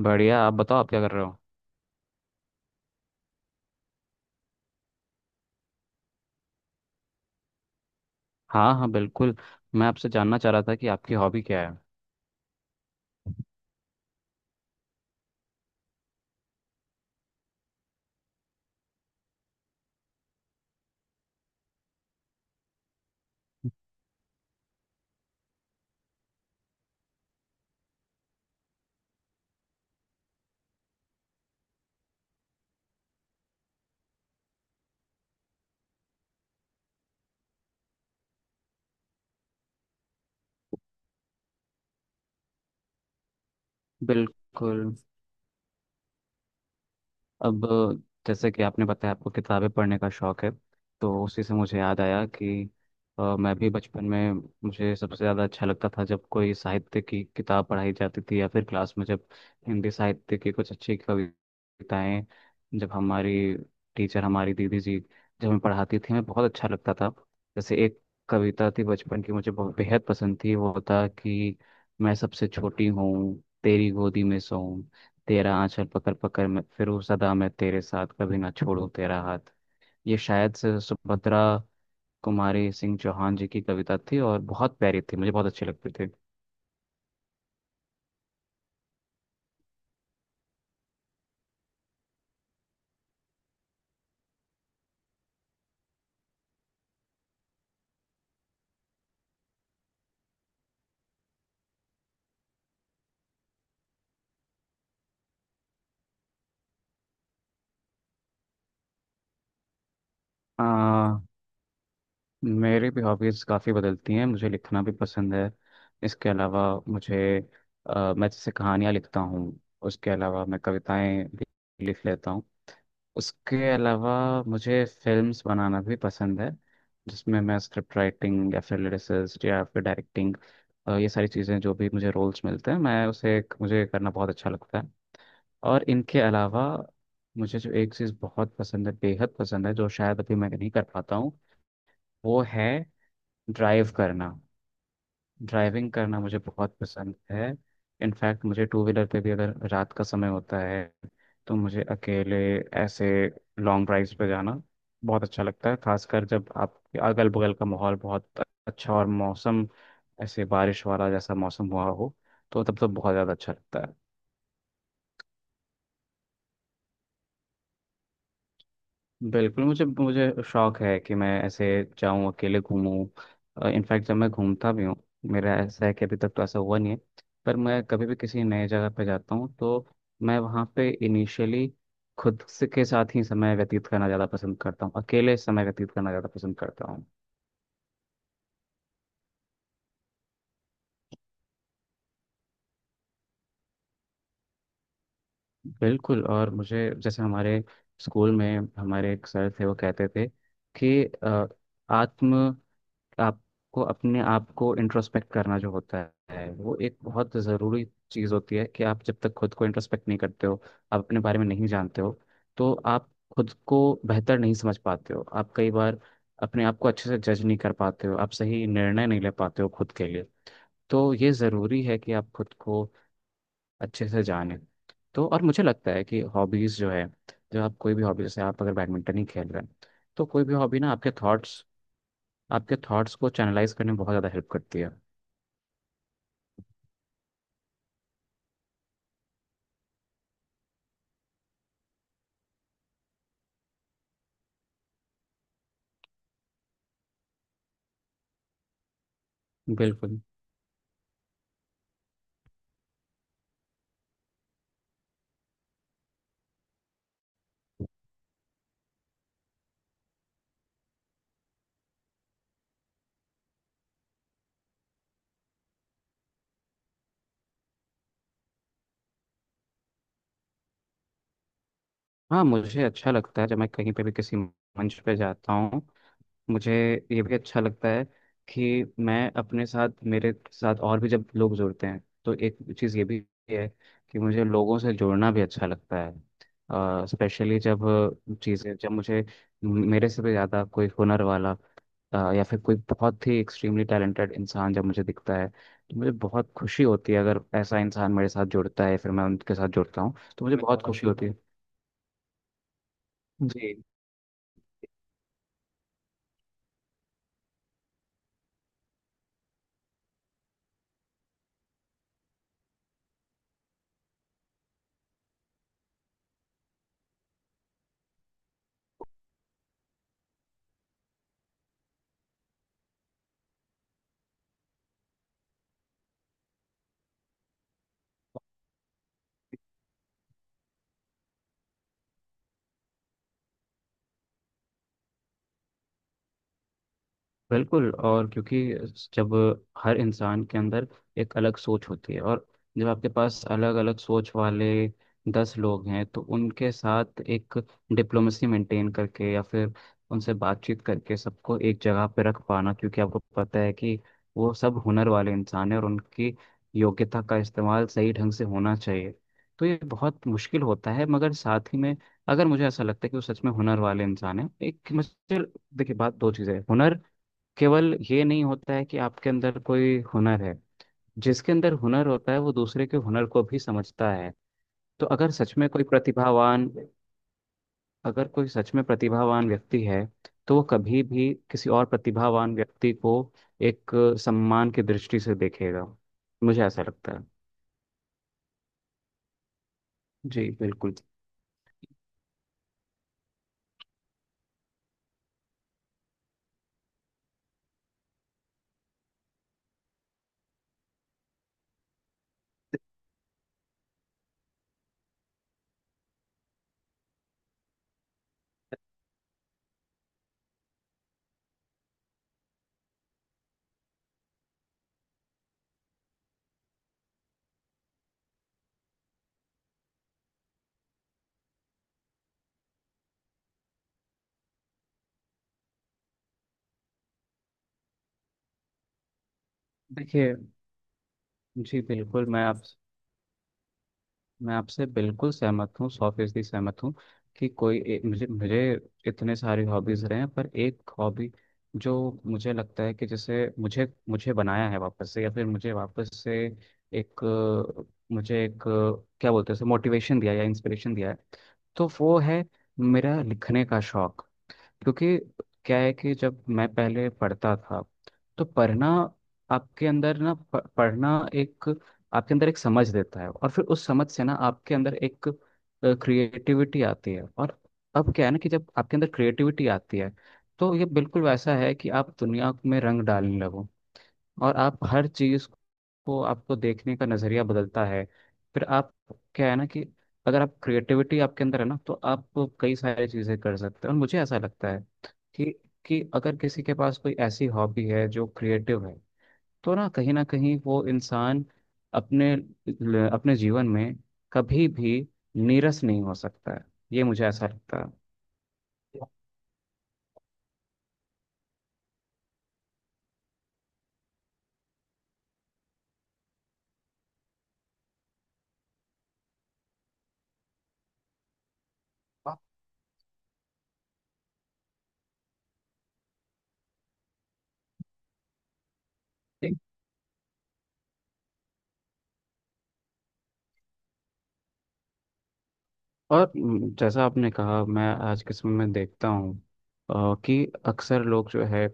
बढ़िया। आप बताओ आप क्या कर रहे हो। हाँ हाँ बिल्कुल। मैं आपसे जानना चाह रहा था कि आपकी हॉबी क्या है। बिल्कुल। अब जैसे कि आपने बताया आपको किताबें पढ़ने का शौक है, तो उसी से मुझे याद आया कि मैं भी बचपन में मुझे सबसे ज़्यादा अच्छा लगता था जब कोई साहित्य की किताब पढ़ाई जाती थी, या फिर क्लास में जब हिंदी साहित्य की कुछ अच्छी कविताएं, जब हमारी टीचर हमारी दीदी जी जब हमें पढ़ाती थी, हमें बहुत अच्छा लगता था। जैसे एक कविता थी बचपन की मुझे बहुत बेहद पसंद थी, वो था कि मैं सबसे छोटी हूँ, तेरी गोदी में सोऊं, तेरा आंचल पकड़ पकड़ मैं फिर हूँ, सदा मैं तेरे साथ, कभी ना छोड़ू तेरा हाथ। ये शायद से सुभद्रा कुमारी सिंह चौहान जी की कविता थी और बहुत प्यारी थी, मुझे बहुत अच्छी लगती थी। आ, मेरी भी हॉबीज़ काफ़ी बदलती हैं। मुझे लिखना भी पसंद है। इसके अलावा मुझे मैं जैसे कहानियाँ लिखता हूँ। उसके अलावा मैं कविताएं भी लिख लेता हूँ। उसके अलावा मुझे फिल्म्स बनाना भी पसंद है, जिसमें मैं स्क्रिप्ट राइटिंग या फिर लिरिसिस्ट या फिर डायरेक्टिंग, ये सारी चीज़ें जो भी मुझे रोल्स मिलते हैं मैं उसे मुझे करना बहुत अच्छा लगता है। और इनके अलावा मुझे जो एक चीज़ बहुत पसंद है, बेहद पसंद है, जो शायद अभी मैं नहीं कर पाता हूँ, वो है ड्राइव करना। ड्राइविंग करना मुझे बहुत पसंद है। इनफैक्ट मुझे टू व्हीलर पे भी अगर रात का समय होता है, तो मुझे अकेले ऐसे लॉन्ग ड्राइव्स पे जाना बहुत अच्छा लगता है, खासकर जब आपके अगल बगल का माहौल बहुत अच्छा और मौसम ऐसे बारिश वाला जैसा मौसम हुआ हो, तो तब तो बहुत ज़्यादा अच्छा लगता है। बिल्कुल। मुझे मुझे शौक है कि मैं ऐसे जाऊं, अकेले घूमूं। इनफैक्ट जब मैं घूमता भी हूँ, मेरा ऐसा है कि अभी तक तो ऐसा हुआ नहीं है, पर मैं कभी भी किसी नए जगह पर जाता हूँ, तो मैं वहाँ पे इनिशियली खुद से के साथ ही समय व्यतीत करना ज़्यादा पसंद करता हूँ, अकेले समय व्यतीत करना ज़्यादा पसंद करता हूँ। बिल्कुल। और मुझे जैसे हमारे स्कूल में हमारे एक सर थे, वो कहते थे कि आत्म आपको अपने आप को इंट्रोस्पेक्ट करना जो होता है वो एक बहुत ज़रूरी चीज़ होती है। कि आप जब तक खुद को इंट्रोस्पेक्ट नहीं करते हो, आप अपने बारे में नहीं जानते हो, तो आप खुद को बेहतर नहीं समझ पाते हो। आप कई बार अपने आप को अच्छे से जज नहीं कर पाते हो, आप सही निर्णय नहीं ले पाते हो खुद के लिए। तो ये ज़रूरी है कि आप खुद को अच्छे से जानें। तो और मुझे लगता है कि हॉबीज़ जो है, जो आप कोई भी हॉबी, जैसे आप अगर बैडमिंटन ही खेल रहे हैं, तो कोई भी हॉबी ना आपके थॉट्स को चैनलाइज करने में बहुत ज़्यादा हेल्प करती है। बिल्कुल। हाँ मुझे अच्छा लगता है जब मैं कहीं पे भी किसी मंच पे जाता हूँ। मुझे ये भी अच्छा लगता है कि मैं अपने साथ मेरे साथ और भी जब लोग जुड़ते हैं, तो एक चीज़ ये भी है कि मुझे लोगों से जुड़ना भी अच्छा लगता है। स्पेशली जब चीज़ें जब मुझे मेरे से भी ज़्यादा कोई हुनर वाला या फिर कोई बहुत ही एक्सट्रीमली टैलेंटेड इंसान जब मुझे दिखता है, तो मुझे बहुत खुशी होती है। अगर ऐसा इंसान मेरे साथ जुड़ता है फिर मैं उनके साथ जुड़ता हूँ, तो मुझे बहुत खुशी होती है। जी बिल्कुल। और क्योंकि जब हर इंसान के अंदर एक अलग सोच होती है, और जब आपके पास अलग अलग सोच वाले दस लोग हैं, तो उनके साथ एक डिप्लोमेसी मेंटेन करके, या फिर उनसे बातचीत करके सबको एक जगह पे रख पाना, क्योंकि आपको पता है कि वो सब हुनर वाले इंसान हैं और उनकी योग्यता का इस्तेमाल सही ढंग से होना चाहिए, तो ये बहुत मुश्किल होता है। मगर साथ ही में अगर मुझे ऐसा लगता है कि वो सच में हुनर वाले इंसान है, एक मुझे देखिए बात दो चीज़ें हैं। हुनर केवल ये नहीं होता है कि आपके अंदर कोई हुनर है। जिसके अंदर हुनर होता है वो दूसरे के हुनर को भी समझता है। तो अगर सच में कोई प्रतिभावान अगर कोई सच में प्रतिभावान व्यक्ति है, तो वो कभी भी किसी और प्रतिभावान व्यक्ति को एक सम्मान की दृष्टि से देखेगा। मुझे ऐसा लगता है। जी बिल्कुल। देखिए, जी बिल्कुल मैं आपसे बिल्कुल सहमत हूँ, सौ फीसदी सहमत हूँ। कि मुझे मुझे इतने सारे हॉबीज रहे हैं, पर एक हॉबी जो मुझे लगता है कि जैसे मुझे मुझे बनाया है वापस से, या फिर मुझे वापस से एक अ, मुझे एक क्या बोलते हैं, मोटिवेशन दिया या इंस्पिरेशन दिया है, तो वो है मेरा लिखने का शौक। क्योंकि क्या है कि जब मैं पहले पढ़ता था, तो पढ़ना आपके अंदर ना पढ़ना एक आपके अंदर एक समझ देता है, और फिर उस समझ से ना आपके अंदर एक क्रिएटिविटी आती है। और अब क्या है ना कि जब आपके अंदर क्रिएटिविटी आती है, तो ये बिल्कुल वैसा है कि आप दुनिया में रंग डालने लगो, और आप हर चीज को आपको देखने का नजरिया बदलता है। फिर आप क्या है ना कि अगर आप क्रिएटिविटी आपके अंदर है ना, तो आप कई सारी चीजें कर सकते हैं। और मुझे ऐसा लगता है कि कि अगर किसी के पास कोई ऐसी हॉबी है जो क्रिएटिव है, तो ना कहीं वो इंसान अपने अपने जीवन में कभी भी नीरस नहीं हो सकता है। ये मुझे ऐसा लगता है। ठीक। और जैसा आपने कहा, मैं आज के समय में देखता हूँ कि अक्सर लोग जो है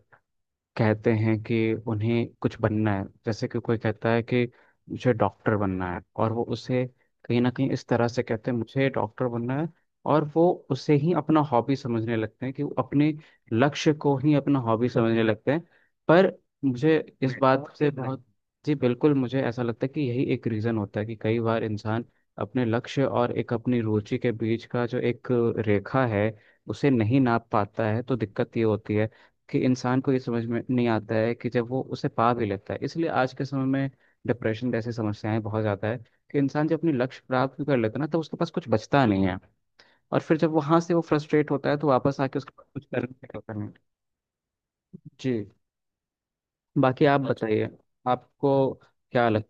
कहते हैं कि उन्हें कुछ बनना है। जैसे कि कोई कहता है कि मुझे डॉक्टर बनना है, और वो उसे कहीं ना कहीं इस तरह से कहते हैं, मुझे डॉक्टर बनना है, और वो उसे ही अपना हॉबी समझने लगते हैं, कि वो अपने लक्ष्य को ही अपना हॉबी समझने लगते हैं। पर मुझे इस बात से बहुत जी बिल्कुल। मुझे ऐसा लगता है कि यही एक रीज़न होता है कि कई बार इंसान अपने लक्ष्य और एक अपनी रुचि के बीच का जो एक रेखा है, उसे नहीं नाप पाता है। तो दिक्कत ये होती है कि इंसान को ये समझ में नहीं आता है कि जब वो उसे पा भी लेता है, इसलिए आज के समय में डिप्रेशन जैसी समस्याएं बहुत ज़्यादा है। कि इंसान जब अपने लक्ष्य प्राप्त भी कर लेता है ना, तो उसके पास कुछ बचता नहीं है। और फिर जब वहां से वो फ्रस्ट्रेट होता है, तो वापस आके उसके पास कुछ करने का होता नहीं। जी। बाकी आप अच्छा बताइए, आपको क्या लग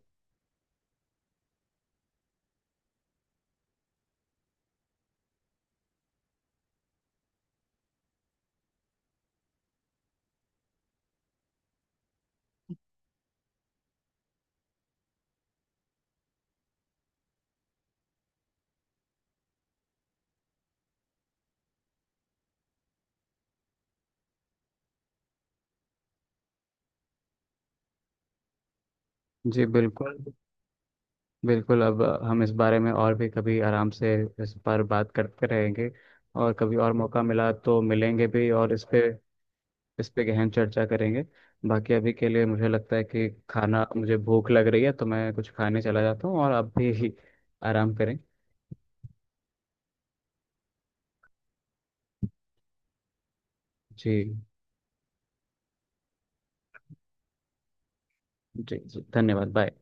जी बिल्कुल। बिल्कुल अब हम इस बारे में और भी कभी आराम से इस पर बात करते रहेंगे। और कभी और मौका मिला तो मिलेंगे भी, और इस पे गहन चर्चा करेंगे। बाकी अभी के लिए, मुझे लगता है कि खाना, मुझे भूख लग रही है, तो मैं कुछ खाने चला जाता हूँ और आप भी आराम करें। जी। जी धन्यवाद। बाय।